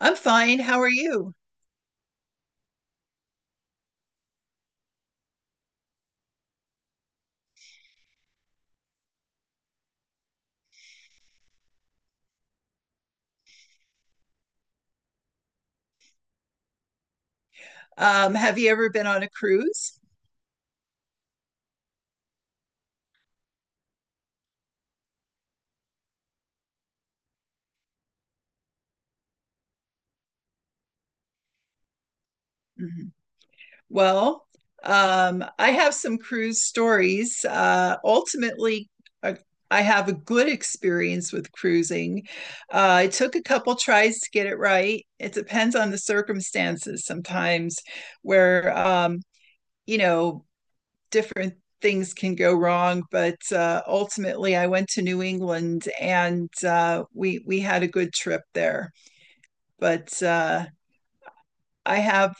I'm fine. How are you? Have you ever been on a cruise? Mhm. Well, I have some cruise stories. Ultimately, uh, I have a good experience with cruising. It took a couple tries to get it right. It depends on the circumstances sometimes, where you know different things can go wrong, but ultimately I went to New England and we had a good trip there. But I have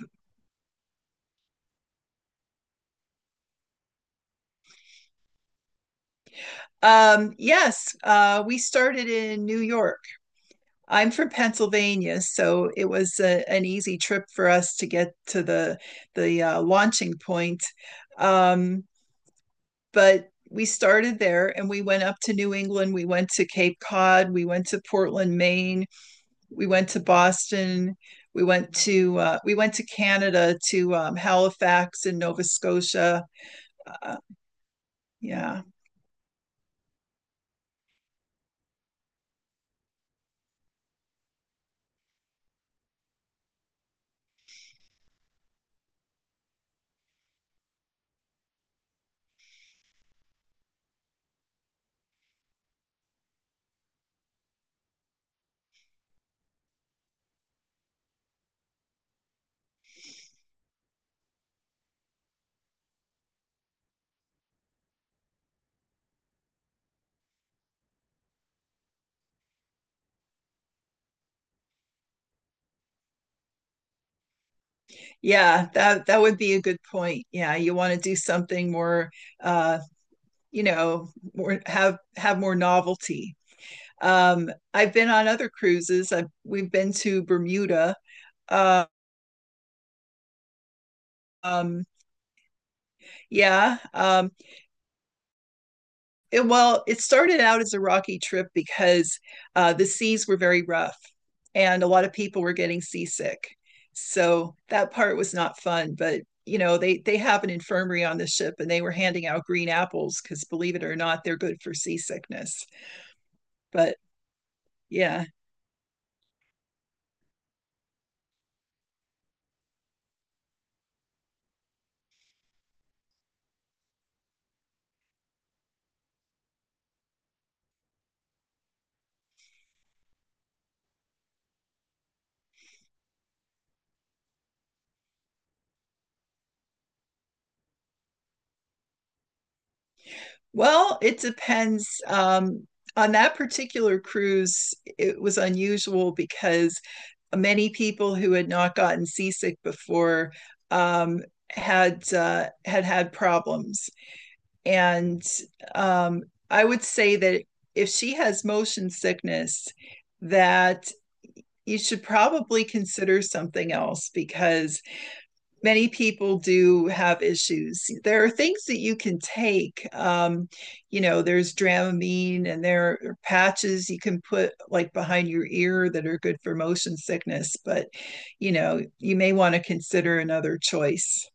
yes, we started in New York. I'm from Pennsylvania, so it was a, an easy trip for us to get to the launching point. Um, but we started there and we went up to New England. We went to Cape Cod. We went to Portland, Maine. We went to Boston. We went to Canada to Halifax and Nova Scotia. Uh, yeah, yeah, that would be a good point. Yeah, you want to do something more, uh, you know, more have more novelty. I've been on other cruises. We've been to Bermuda. Uh, um, yeah, um, It, well, it started out as a rocky trip because the seas were very rough and a lot of people were getting seasick. So that part was not fun, but you know, they have an infirmary on the ship and they were handing out green apples because believe it or not, they're good for seasickness. But yeah. Well, it depends. On that particular cruise, it was unusual because many people who had not gotten seasick before um, had had problems, and um, I would say that if she has motion sickness, that you should probably consider something else because many people do have issues. There are things that you can take. You know, there's Dramamine and there are patches you can put like behind your ear that are good for motion sickness, but you know, you may want to consider another choice.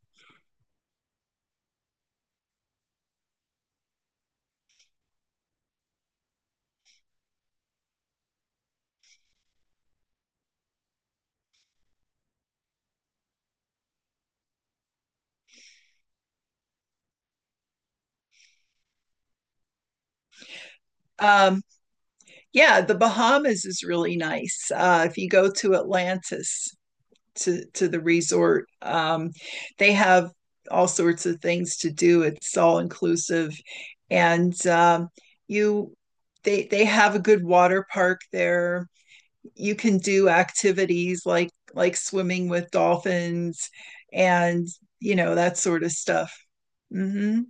Um, yeah, the Bahamas is really nice. If you go to Atlantis, to the resort. They have all sorts of things to do. It's all inclusive, and you they have a good water park there. You can do activities like swimming with dolphins, and you know that sort of stuff. Mm-hmm.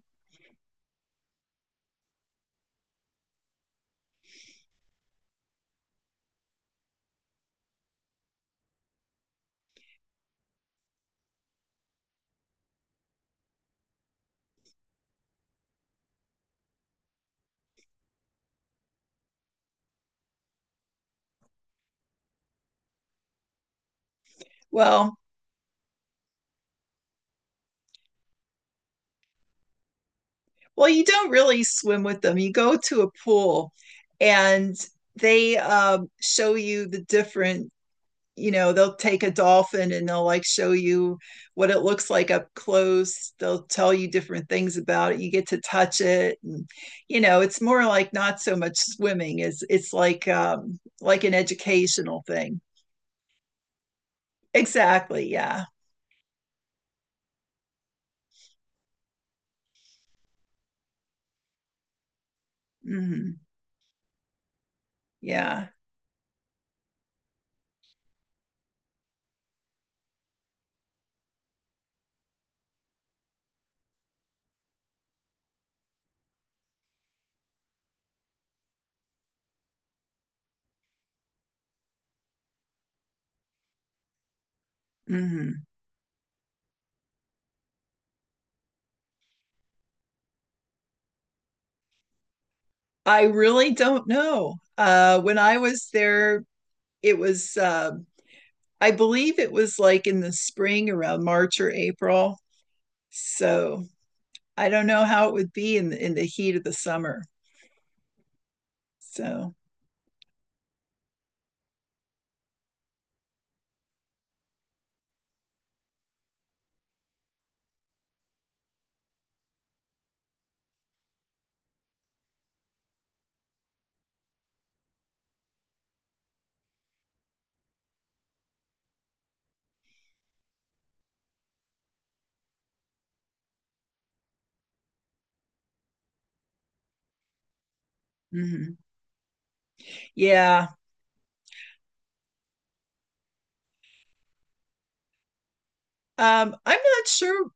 Well, well, you don't really swim with them. You go to a pool, and they show you the different, you know, they'll take a dolphin and they'll like show you what it looks like up close. They'll tell you different things about it. You get to touch it, and you know, it's more like not so much swimming. It's like an educational thing. Exactly, yeah. Hmm. Yeah. Hmm. I really don't know. When I was there, it was I believe it was like in the spring around March or April, so I don't know how it would be in the heat of the summer. So, mhm. yeah, I'm not sure.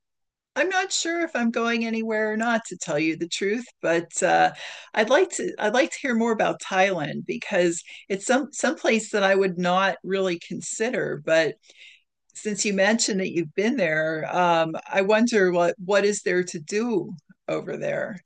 I'm not sure if I'm going anywhere or not, to tell you the truth. But I'd like to. I'd like to hear more about Thailand because it's some place that I would not really consider. But since you mentioned that you've been there, I wonder what is there to do over there.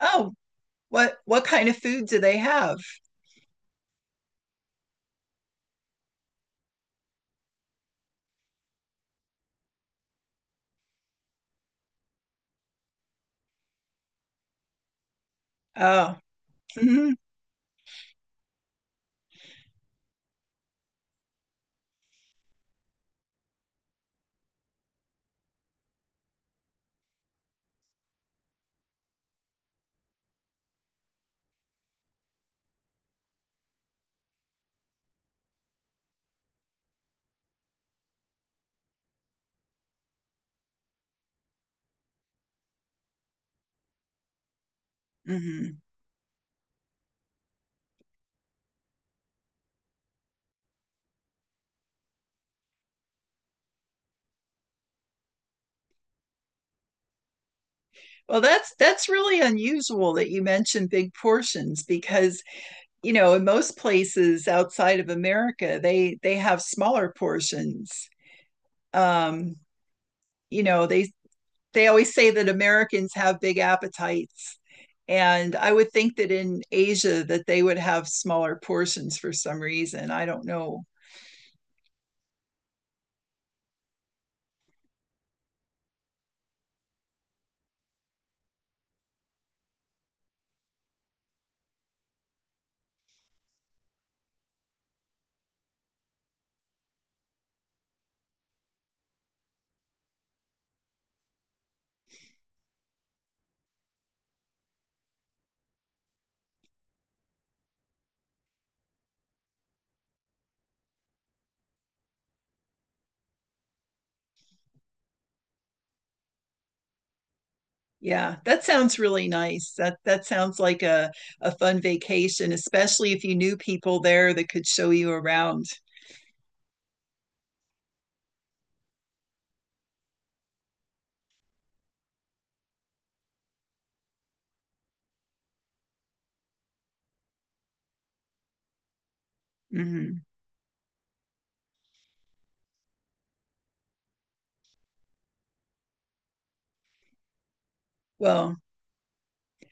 Oh, what kind of food do they have? Oh, hmm. Hmm. Well, that's really unusual that you mentioned big portions because, you know, in most places outside of America, they have smaller portions. Um, you know, they they always say that Americans have big appetites, and I would think that in Asia that they would have smaller portions for some reason. I don't know. Yeah, that sounds really nice. That that sounds like a fun vacation, especially if you knew people there that could show you around. Hmm. Well,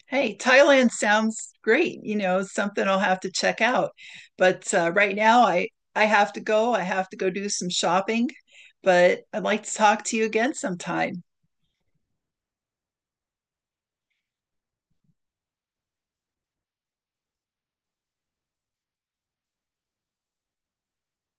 hey, Thailand sounds great. You know, something I'll have to check out. But right now, I have to go. I have to go do some shopping. But I'd like to talk to you again sometime.